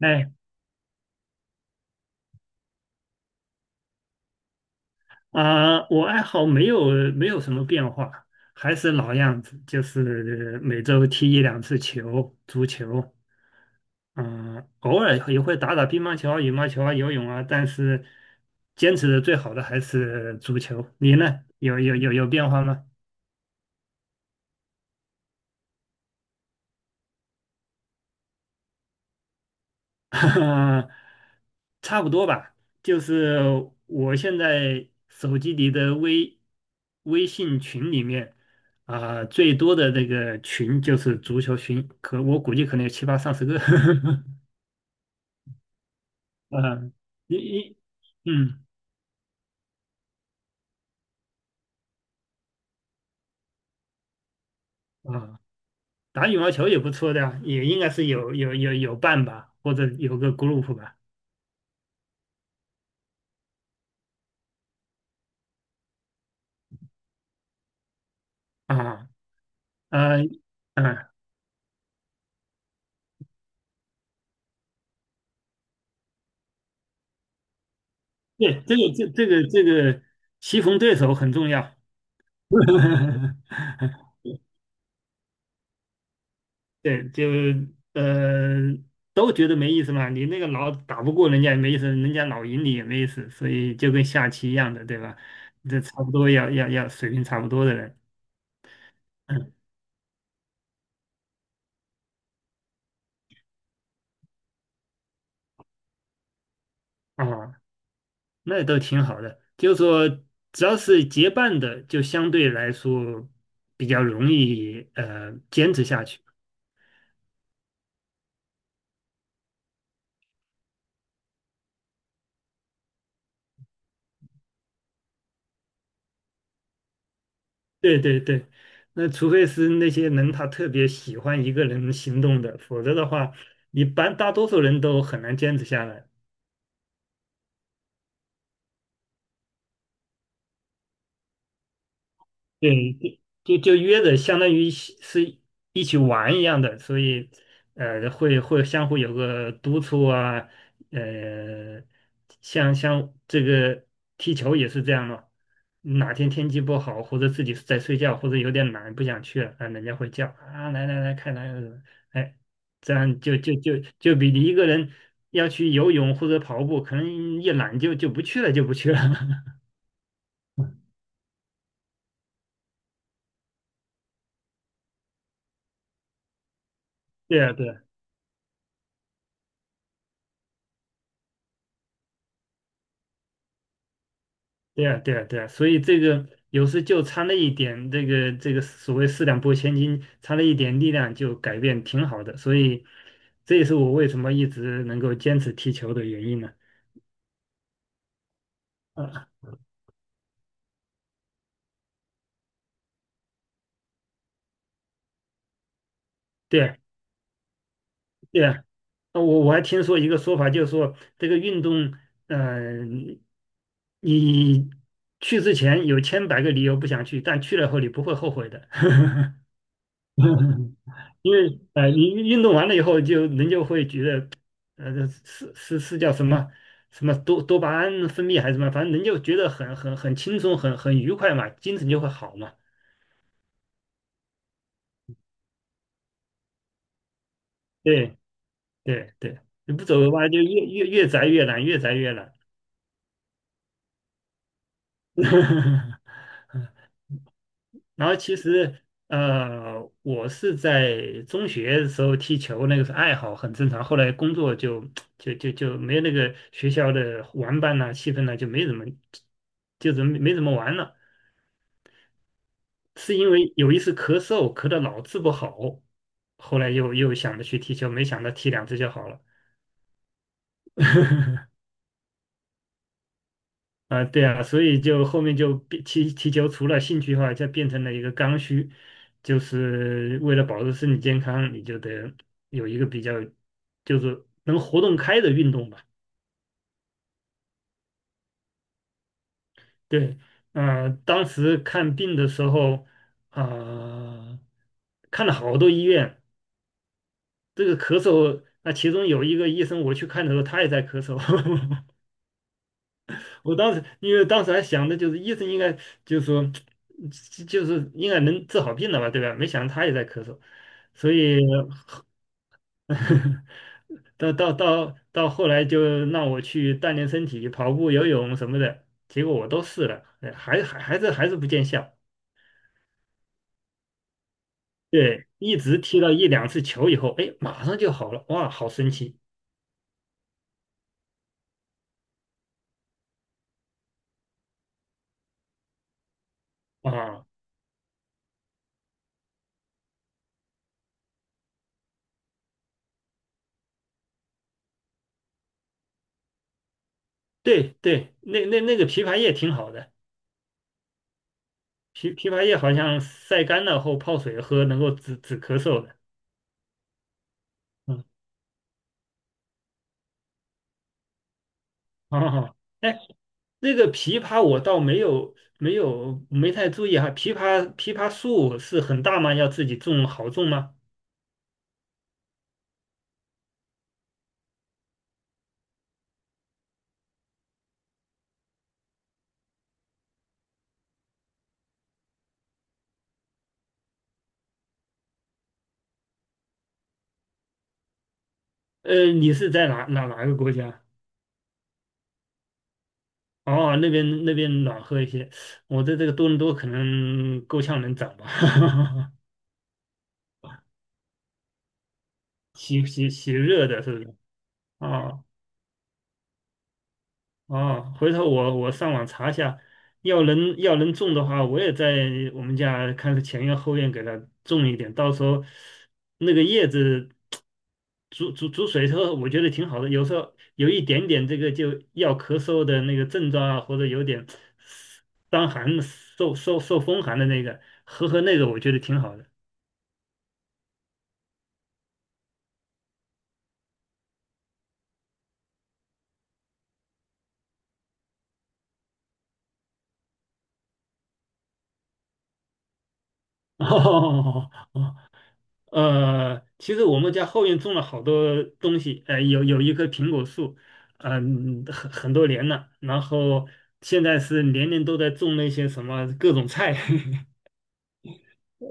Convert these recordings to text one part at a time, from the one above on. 哎，啊，我爱好没有没有什么变化，还是老样子，就是每周踢一两次球，足球。嗯，偶尔也会打打乒乓球啊、羽毛球啊、游泳啊，但是坚持的最好的还是足球。你呢？有变化吗？差不多吧，就是我现在手机里的微信群里面啊、最多的那个群就是足球群，可我估计可能有七八上十个。啊，一你嗯啊，打羽毛球也不错的啊，也应该是有伴吧，或者有个 group 吧。啊啊啊，对，这个棋逢对手很重要。对，呃都觉得没意思嘛。你那个老打不过人家也没意思，人家老赢你也没意思，所以就跟下棋一样的，对吧？这差不多要水平差不多的人，嗯啊，那都挺好的。就是说，只要是结伴的，就相对来说比较容易坚持下去。对对对，那除非是那些人他特别喜欢一个人行动的，否则的话，一般大多数人都很难坚持下来。对，就约着，相当于是一起玩一样的，所以会相互有个督促啊，呃，像这个踢球也是这样嘛，哪天天气不好，或者自己在睡觉，或者有点懒不想去了，啊，人家会叫啊，来来来，看来，哎，这样就比你一个人要去游泳或者跑步，可能一懒就不去了，就不去了。对啊，对啊。对啊，对啊，对啊，所以这个有时就差那一点，这个所谓四两拨千斤，差那一点力量就改变挺好的，所以这也是我为什么一直能够坚持踢球的原因呢。啊，对啊，对啊，我还听说一个说法，就是说这个运动，嗯、你去之前有千百个理由不想去，但去了后你不会后悔的。因为你运动完了以后就，人就会觉得，这是叫什么什么多巴胺分泌还是什么，反正人就觉得很轻松，很愉快嘛，精神就会好嘛。对对对，你不走的话就越宅越懒，越宅越懒。然后其实我是在中学的时候踢球，那个是爱好，很正常。后来工作就没有那个学校的玩伴呐、气氛呐、就没怎么，就怎么没怎么玩了。是因为有一次咳嗽，咳得老治不好，后来又想着去踢球，没想到踢两次就好了。啊、对啊，所以就后面就变踢踢球，除了兴趣的话，就变成了一个刚需，就是为了保持身体健康，你就得有一个比较就是能活动开的运动吧。对，啊，当时看病的时候，啊、看了好多医院，这个咳嗽，那其中有一个医生我去看的时候，他也在咳嗽。我当时因为当时还想的就是医生应该就是说就是应该能治好病的吧，对吧？没想到他也在咳嗽，所以 到后来就让我去锻炼身体，跑步、游泳什么的，结果我都试了，哎还是不见效。对，一直踢了一两次球以后，哎，马上就好了，哇，好神奇啊！对对，那个枇杷叶挺好的。枇杷叶好像晒干了后泡水喝，能够止咳嗽的。嗯，好好好。哎，那个枇杷我倒没有没有没太注意哈。枇杷树是很大吗？要自己种好种吗？你是在哪个国家？哦，那边那边暖和一些。我在这个多伦多可能够呛能长吧，喜热的是不是？啊、哦，回头我上网查一下，要能种的话，我也在我们家看是前院后院给它种一点，到时候那个叶子煮煮水之后，我觉得挺好的。有时候有一点点这个就要咳嗽的那个症状啊，或者有点伤寒、受风寒的那个，喝喝那个，我觉得挺好的。哦，其实我们家后院种了好多东西，有一棵苹果树，很多年了，然后现在是年年都在种那些什么各种菜，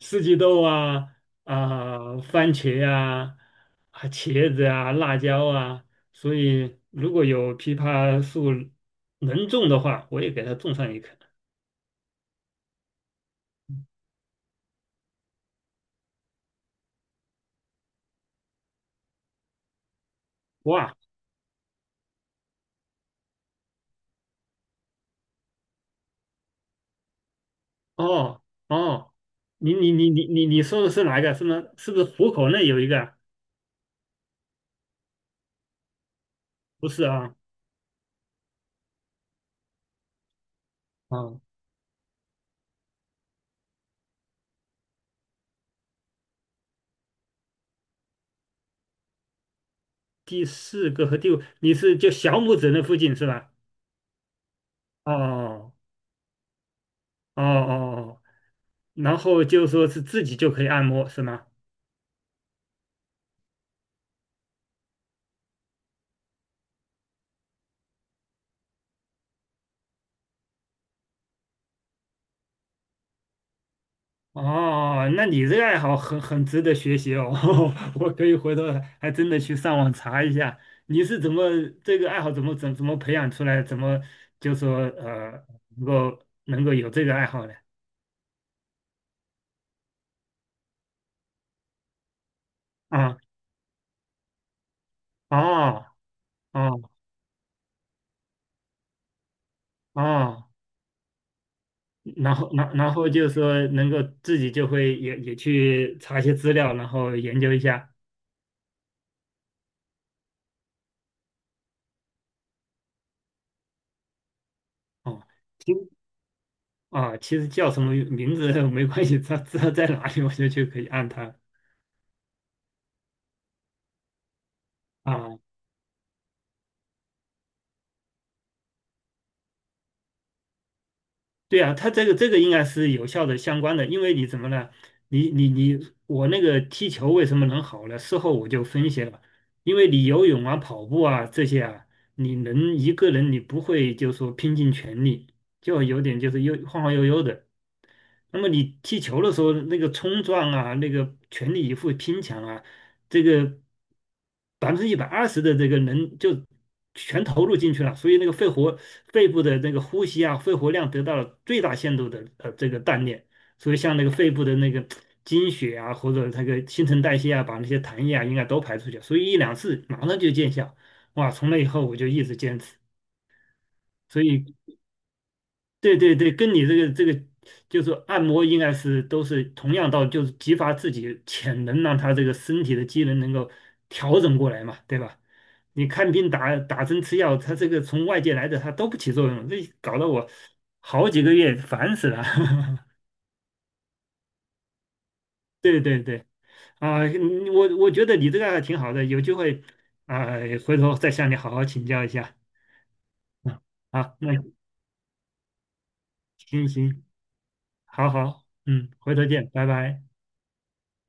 四季豆啊，啊、番茄啊，啊茄子啊，辣椒啊，所以如果有枇杷树能种的话，我也给它种上一棵。哇，哦哦，你说的是哪一个？是吗？是不是虎口那有一个啊不是啊，嗯，第四个和第五，你是就小拇指那附近是吧？哦哦哦，哦，然后就说是自己就可以按摩是吗？哦，那你这个爱好很值得学习哦，我可以回头还真的去上网查一下，你是怎么这个爱好怎么培养出来，怎么就说能够有这个爱好的啊？哦哦哦。然后，然后就是说能够自己就会也去查一些资料，然后研究一下。哦，其其实叫什么名字 没关系，它知道在哪里我就去可以按它啊。对啊，他这个应该是有效的相关的，因为你怎么了？你你你，我那个踢球为什么能好呢？事后我就分析了，因为你游泳啊、跑步啊这些啊，你能一个人你不会就说拼尽全力，就有点就是悠晃晃悠悠的。那么你踢球的时候，那个冲撞啊，那个全力以赴拼抢啊，这个120%的这个能就全投入进去了，所以那个肺部的那个呼吸啊，肺活量得到了最大限度的这个锻炼，所以像那个肺部的那个经血啊，或者那个新陈代谢啊，把那些痰液啊应该都排出去，所以一两次马上就见效，哇！从那以后我就一直坚持，所以对对对，跟你这个就是按摩应该是都是同样道理，就是激发自己潜能，让他这个身体的机能能够调整过来嘛，对吧？你看病打打针吃药，他这个从外界来的他都不起作用，这搞得我好几个月烦死了。对对对，啊，嗯我觉得你这个还挺好的，有机会啊，回头再向你好好请教一下。啊，那行行，好好，嗯，回头见，拜拜。